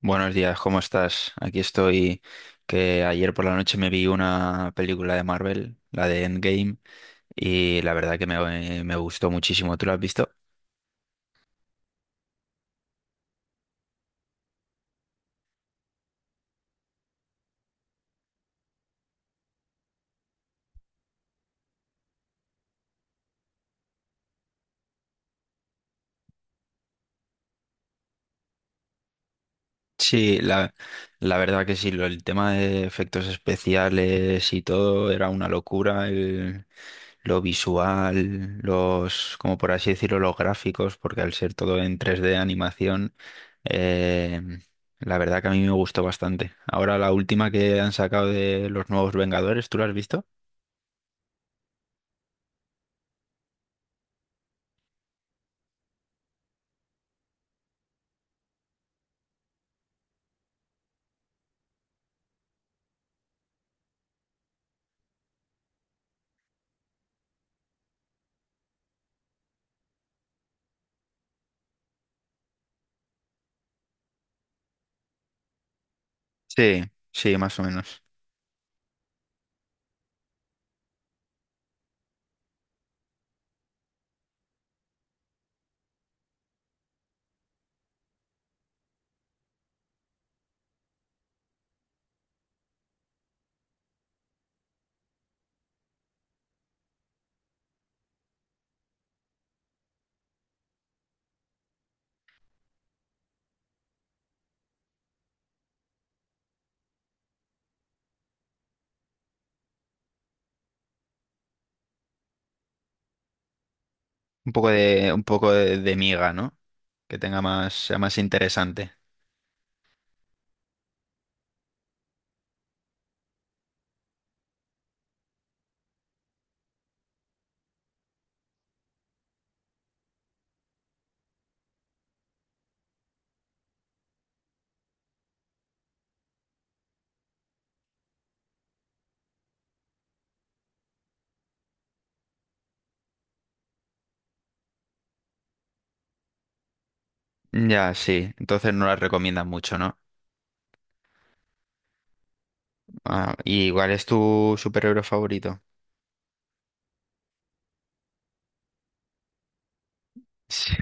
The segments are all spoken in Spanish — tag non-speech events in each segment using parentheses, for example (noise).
Buenos días, ¿cómo estás? Aquí estoy, que ayer por la noche me vi una película de Marvel, la de Endgame, y la verdad que me gustó muchísimo. ¿Tú la has visto? Sí, la verdad que sí, el tema de efectos especiales y todo era una locura, lo visual, los, como por así decirlo, los gráficos, porque al ser todo en tres d animación, eh, la verdad que a mí me gustó bastante. Ahora la última que han sacado de los nuevos Vengadores, ¿tú la has visto? Sí, sí, más o menos. Un poco un poco de miga, ¿no? Que tenga más, sea más interesante. Ya, sí. Entonces no la recomiendas mucho, ¿no? Ah, ¿y cuál es tu superhéroe favorito? Sí,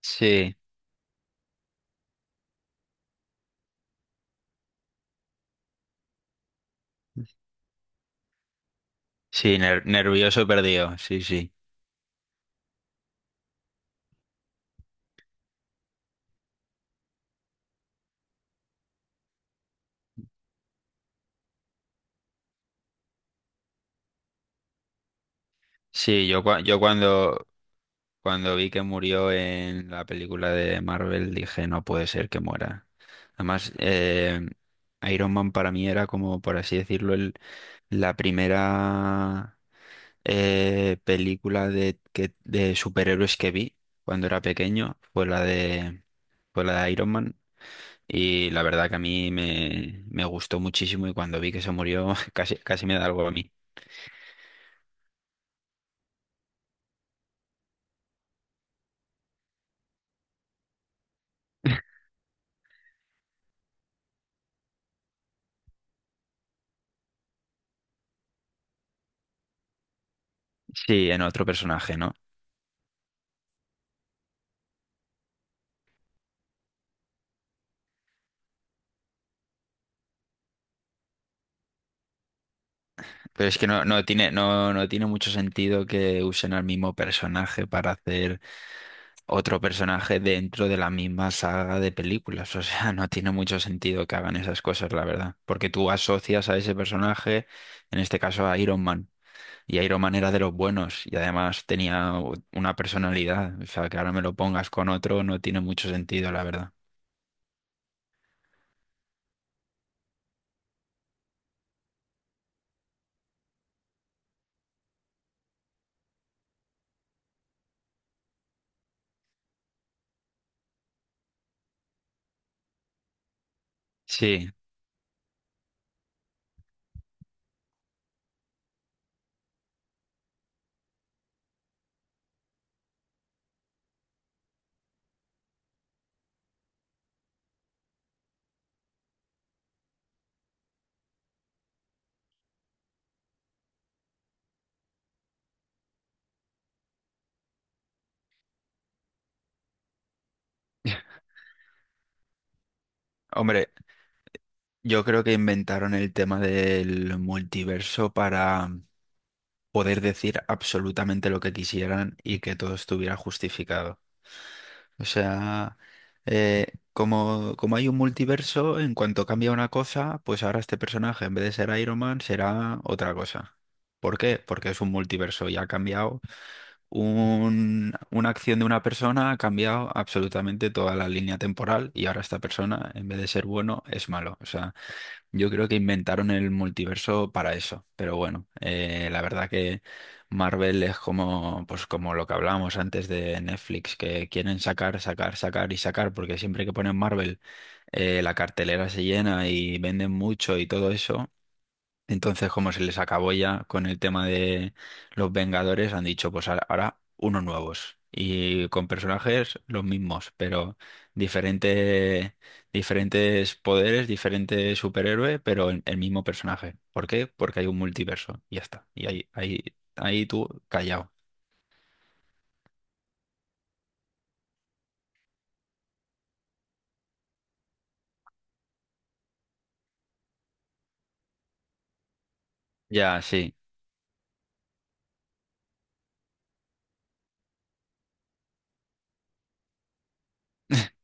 sí, sí, nervioso perdido, sí, sí. Sí, yo, yo cuando vi que murió en la película de Marvel dije, no puede ser que muera. Además, Iron Man para mí era como, por así decirlo, el, la primera película de superhéroes que vi cuando era pequeño, fue la fue la de Iron Man. Y la verdad que a mí me gustó muchísimo y cuando vi que se murió (laughs) casi, casi me da algo a mí. Sí, en otro personaje, ¿no? Pero es que no, no tiene mucho sentido que usen al mismo personaje para hacer otro personaje dentro de la misma saga de películas. (laughs) O sea, no tiene mucho sentido que hagan esas cosas, la verdad. Porque tú asocias a ese personaje, en este caso a Iron Man. Y Iron Man era de los buenos y además tenía una personalidad. O sea, que ahora me lo pongas con otro no tiene mucho sentido, la verdad. Sí. Hombre, yo creo que inventaron el tema del multiverso para poder decir absolutamente lo que quisieran y que todo estuviera justificado. O sea, eh, como hay un multiverso, en cuanto cambia una cosa, pues ahora este personaje, en vez de ser Iron Man, será otra cosa. ¿Por qué? Porque es un multiverso y ha cambiado una acción de una persona ha cambiado absolutamente toda la línea temporal y ahora esta persona, en vez de ser bueno, es malo. O sea, yo creo que inventaron el multiverso para eso. Pero bueno, la verdad que Marvel es como, pues como lo que hablábamos antes de Netflix, que quieren sacar, sacar, sacar y sacar, porque siempre que ponen Marvel, la cartelera se llena y venden mucho y todo eso. Entonces, como se les acabó ya con el tema de los Vengadores, han dicho, pues ahora unos nuevos. Y con personajes los mismos, pero diferente, diferentes poderes, diferentes superhéroes, pero el mismo personaje. ¿Por qué? Porque hay un multiverso. Y ya está. Y ahí tú callado. Ya, sí. (laughs)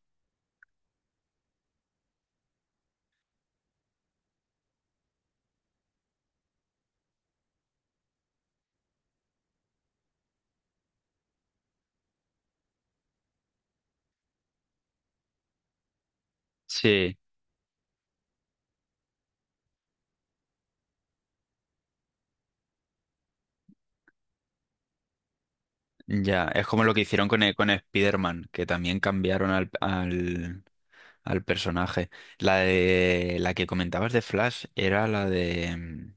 Sí, ya. Es como lo que hicieron con, con Spider-Man, que también cambiaron al personaje. La de la que comentabas de Flash era la de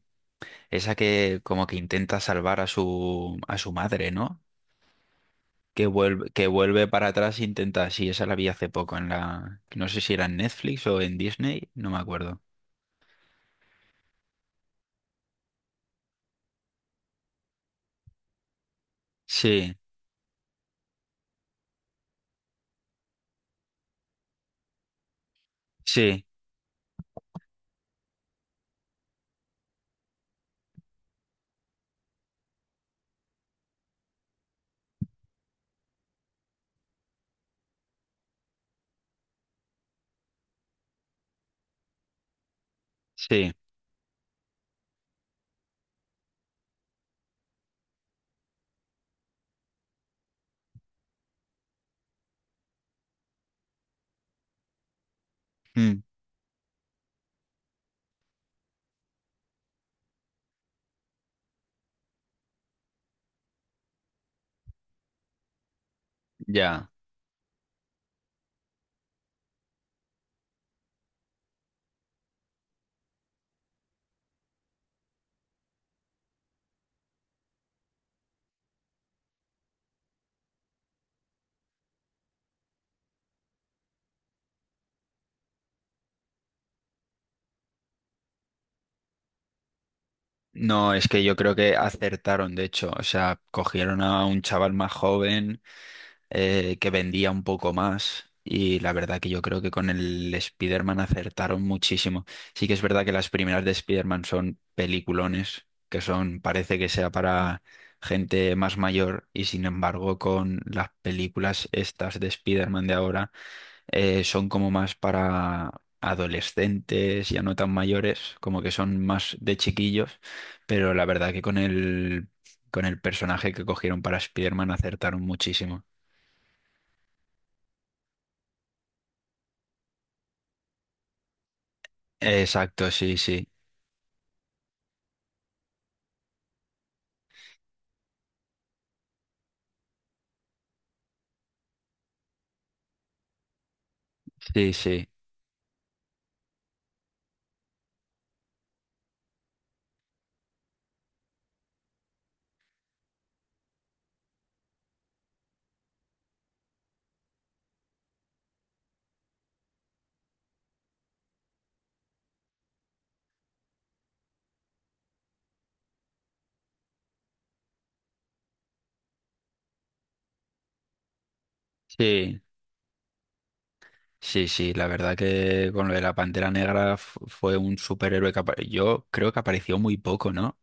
esa que como que intenta salvar a su madre, ¿no? Que vuelve para atrás e intenta, sí, esa la vi hace poco en la, no sé si era en Netflix o en Disney, no me acuerdo. Sí, sí, sí, mm, ya. No, es que yo creo que acertaron, de hecho, o sea, cogieron a un chaval más joven que vendía un poco más. Y la verdad que yo creo que con el Spider-Man acertaron muchísimo. Sí que es verdad que las primeras de Spider-Man son peliculones, que son, parece que sea para gente más mayor, y sin embargo, con las películas estas de Spider-Man de ahora, son como más para adolescentes, ya no tan mayores, como que son más de chiquillos, pero la verdad que con el personaje que cogieron para Spider-Man acertaron muchísimo. Exacto, sí, sí, sí, sí, sí, sí, sí, la verdad que con lo de la Pantera Negra fue un superhéroe que yo creo que apareció muy poco, ¿no?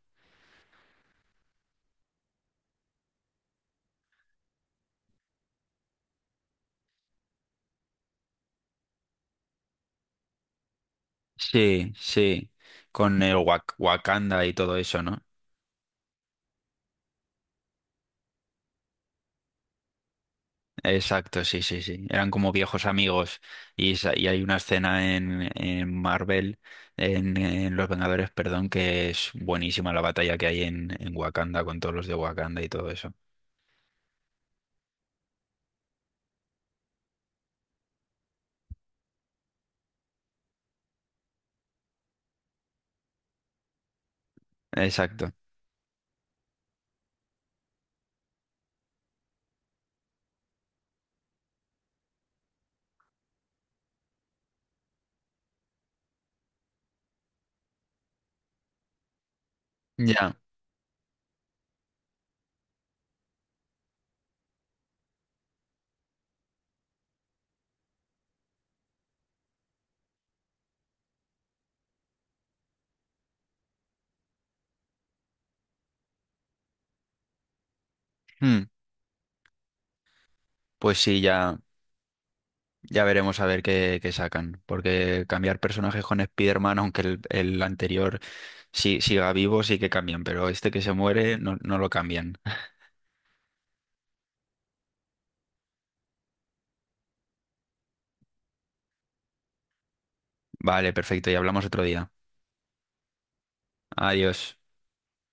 Sí, sí, con el Wakanda y todo eso, ¿no? Exacto, sí, sí, sí, eran como viejos amigos y, y hay una escena en Marvel, en Los Vengadores, perdón, que es buenísima la batalla que hay en Wakanda con todos los de Wakanda y todo eso. Exacto, ya. Mm. Pues sí, ya. Ya veremos a ver qué, qué sacan, porque cambiar personajes con Spider-Man, aunque el anterior sí, siga vivo, sí que cambian, pero este que se muere no, no lo cambian. (laughs) Vale, perfecto, y hablamos otro día. Adiós.